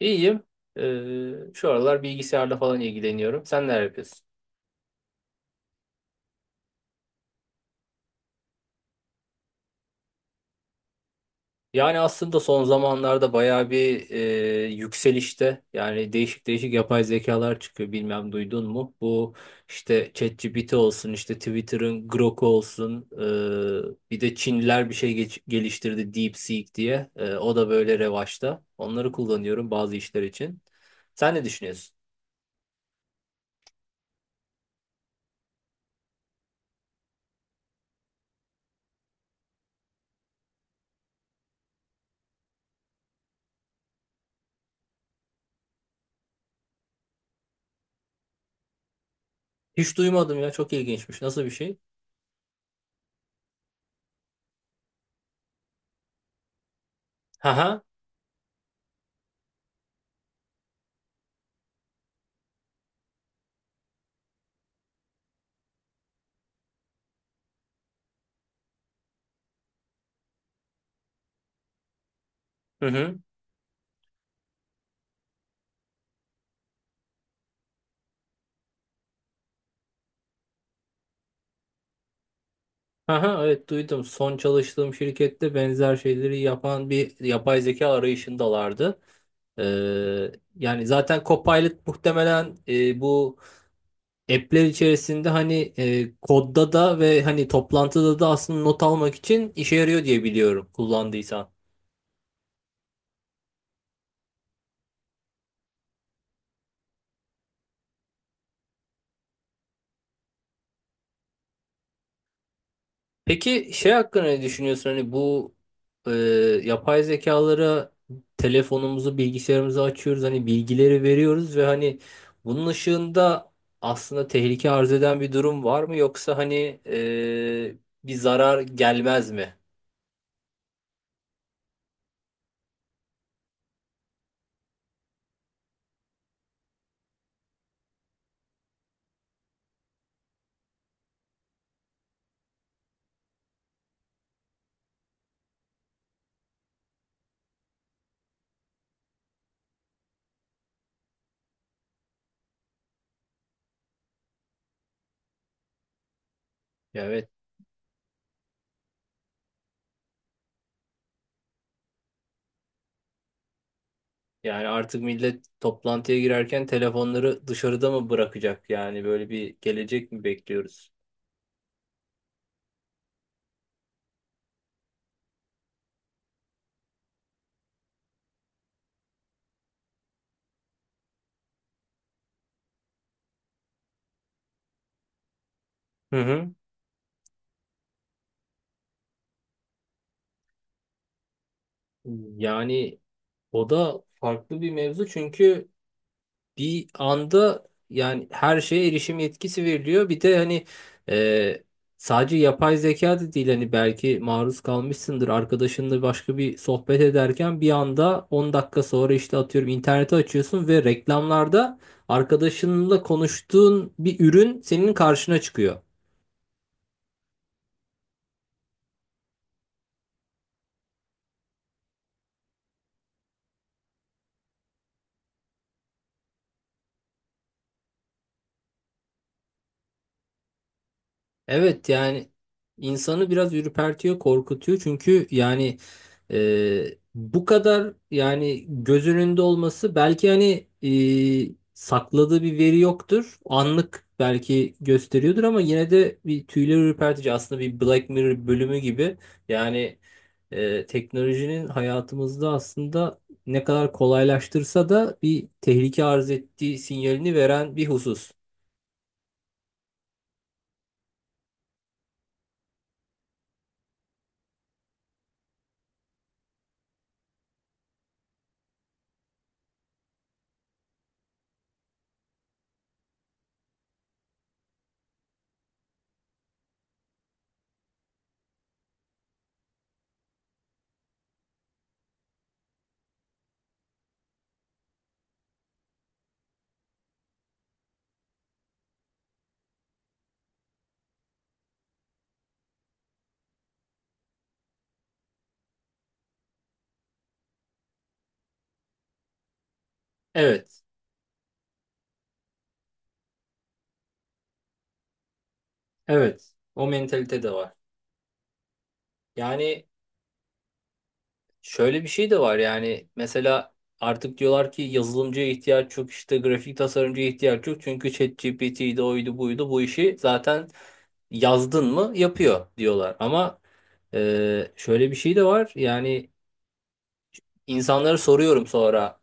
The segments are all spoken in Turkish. İyiyim. Şu aralar bilgisayarla falan ilgileniyorum. Sen neler yapıyorsun? Yani aslında son zamanlarda bayağı bir yükselişte. Yani değişik değişik yapay zekalar çıkıyor. Bilmem duydun mu? Bu işte ChatGPT olsun, işte Twitter'ın Grok olsun. Bir de Çinliler bir şey geliştirdi DeepSeek diye. O da böyle revaçta. Onları kullanıyorum bazı işler için. Sen ne düşünüyorsun? Hiç duymadım ya. Çok ilginçmiş. Nasıl bir şey? Haha. Hı hı. Aha, evet duydum. Son çalıştığım şirkette benzer şeyleri yapan bir yapay zeka arayışındalardı. Yani zaten Copilot muhtemelen bu app'ler içerisinde hani kodda da ve hani toplantıda da aslında not almak için işe yarıyor diye biliyorum kullandıysan. Peki şey hakkında ne düşünüyorsun? Hani bu e, yapay zekalara telefonumuzu, bilgisayarımızı açıyoruz. Hani bilgileri veriyoruz ve hani bunun ışığında aslında tehlike arz eden bir durum var mı? Yoksa hani bir zarar gelmez mi? Ya, evet. Yani artık millet toplantıya girerken telefonları dışarıda mı bırakacak? Yani böyle bir gelecek mi bekliyoruz? Hı hı. Yani o da farklı bir mevzu çünkü bir anda yani her şeye erişim yetkisi veriliyor. Bir de hani e, sadece yapay zeka da değil hani belki maruz kalmışsındır arkadaşınla başka bir sohbet ederken bir anda 10 dakika sonra işte atıyorum interneti açıyorsun ve reklamlarda arkadaşınla konuştuğun bir ürün senin karşına çıkıyor. Evet yani insanı biraz ürpertiyor, korkutuyor. Çünkü yani bu kadar yani göz önünde olması belki hani sakladığı bir veri yoktur. Anlık belki gösteriyordur ama yine de bir tüyler ürpertici. Aslında bir Black Mirror bölümü gibi. Yani teknolojinin hayatımızda aslında ne kadar kolaylaştırsa da bir tehlike arz ettiği sinyalini veren bir husus. Evet, evet. O mentalite de var. Yani şöyle bir şey de var yani mesela artık diyorlar ki yazılımcıya ihtiyaç yok işte grafik tasarımcıya ihtiyaç yok çünkü ChatGPT'ydi oydu buydu bu işi zaten yazdın mı yapıyor diyorlar ama şöyle bir şey de var yani insanlara soruyorum sonra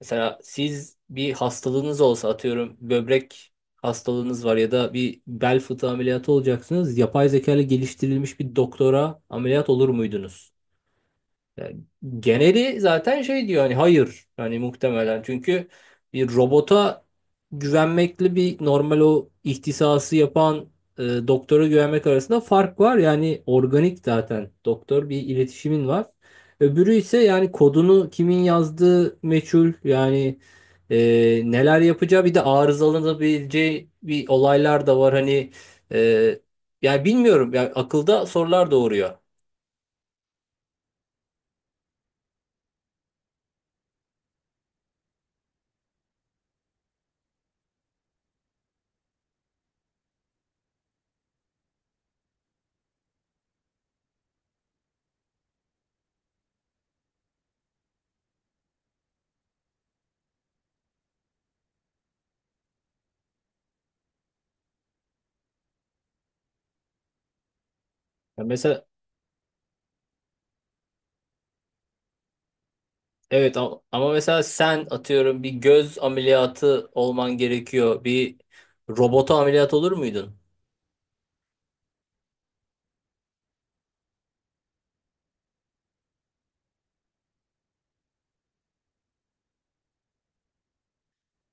mesela siz bir hastalığınız olsa atıyorum böbrek hastalığınız var ya da bir bel fıtığı ameliyatı olacaksınız yapay zeka ile geliştirilmiş bir doktora ameliyat olur muydunuz? Yani geneli zaten şey diyor hani hayır hani muhtemelen çünkü bir robota güvenmekle bir normal o ihtisası yapan doktora güvenmek arasında fark var. Yani organik zaten doktor bir iletişimin var. Öbürü ise yani kodunu kimin yazdığı meçhul yani e, neler yapacağı bir de arızalanabileceği bir olaylar da var hani e, yani bilmiyorum yani akılda sorular doğuruyor. Yani mesela evet ama, ama mesela sen atıyorum bir göz ameliyatı olman gerekiyor. Bir robota ameliyat olur muydun?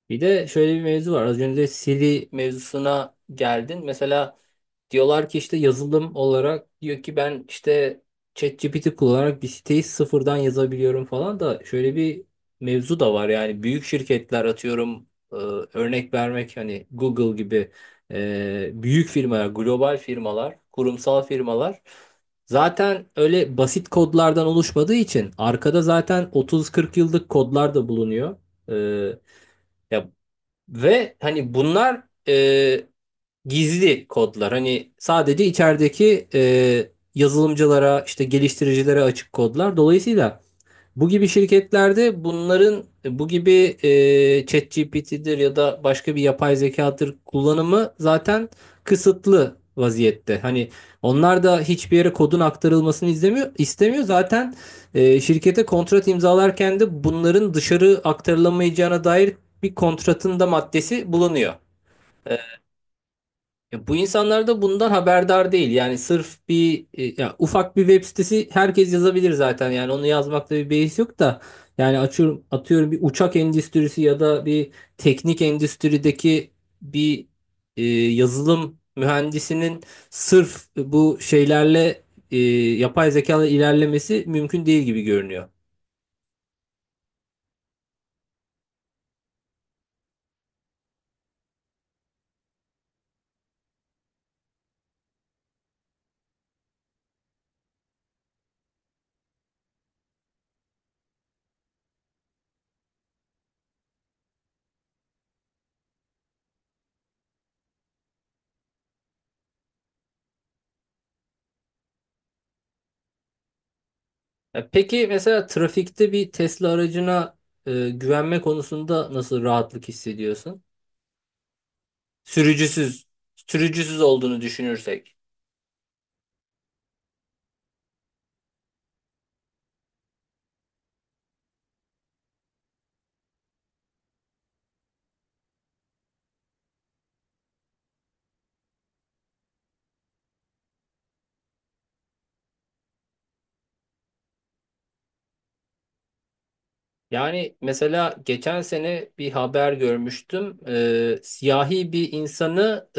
Bir de şöyle bir mevzu var. Az önce Siri mevzusuna geldin. Mesela diyorlar ki işte yazılım olarak diyor ki ben işte ChatGPT kullanarak bir siteyi sıfırdan yazabiliyorum falan da şöyle bir mevzu da var yani büyük şirketler atıyorum örnek vermek hani Google gibi büyük firmalar, global firmalar, kurumsal firmalar zaten öyle basit kodlardan oluşmadığı için arkada zaten 30-40 yıllık kodlar da bulunuyor. E, ya ve hani bunlar e, gizli kodlar. Hani sadece içerideki yazılımcılara, işte geliştiricilere açık kodlar. Dolayısıyla bu gibi şirketlerde bunların bu gibi ChatGPT'dir ya da başka bir yapay zekadır kullanımı zaten kısıtlı vaziyette. Hani onlar da hiçbir yere kodun aktarılmasını izlemiyor, istemiyor. Zaten şirkete kontrat imzalarken de bunların dışarı aktarılamayacağına dair bir kontratın da maddesi bulunuyor. E, Ya bu insanlar da bundan haberdar değil. Yani sırf bir ya ufak bir web sitesi herkes yazabilir zaten. Yani onu yazmakta bir beis yok da yani açıyorum atıyorum bir uçak endüstrisi ya da bir teknik endüstrideki bir e, yazılım mühendisinin sırf bu şeylerle e, yapay zeka ile ilerlemesi mümkün değil gibi görünüyor. Ya peki mesela trafikte bir Tesla aracına güvenme konusunda nasıl rahatlık hissediyorsun? Sürücüsüz, sürücüsüz olduğunu düşünürsek. Yani mesela geçen sene bir haber görmüştüm. Siyahi bir insanı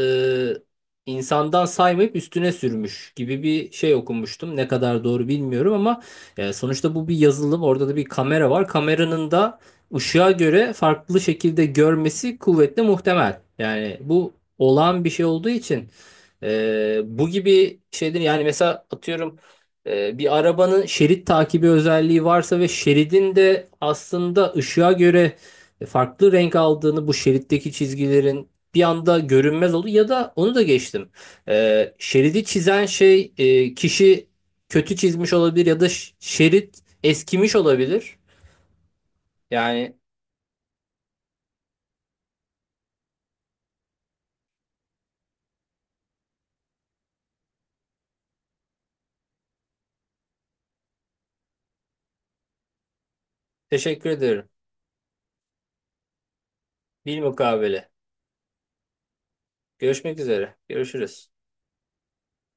insandan saymayıp üstüne sürmüş gibi bir şey okumuştum. Ne kadar doğru bilmiyorum ama sonuçta bu bir yazılım. Orada da bir kamera var. Kameranın da ışığa göre farklı şekilde görmesi kuvvetle muhtemel. Yani bu olağan bir şey olduğu için bu gibi şeyler yani mesela atıyorum bir arabanın şerit takibi özelliği varsa ve şeridin de aslında ışığa göre farklı renk aldığını bu şeritteki çizgilerin bir anda görünmez oldu ya da onu da geçtim. Şeridi çizen şey kişi kötü çizmiş olabilir ya da şerit eskimiş olabilir. Yani teşekkür ederim. Bilmukabele. Görüşmek üzere. Görüşürüz.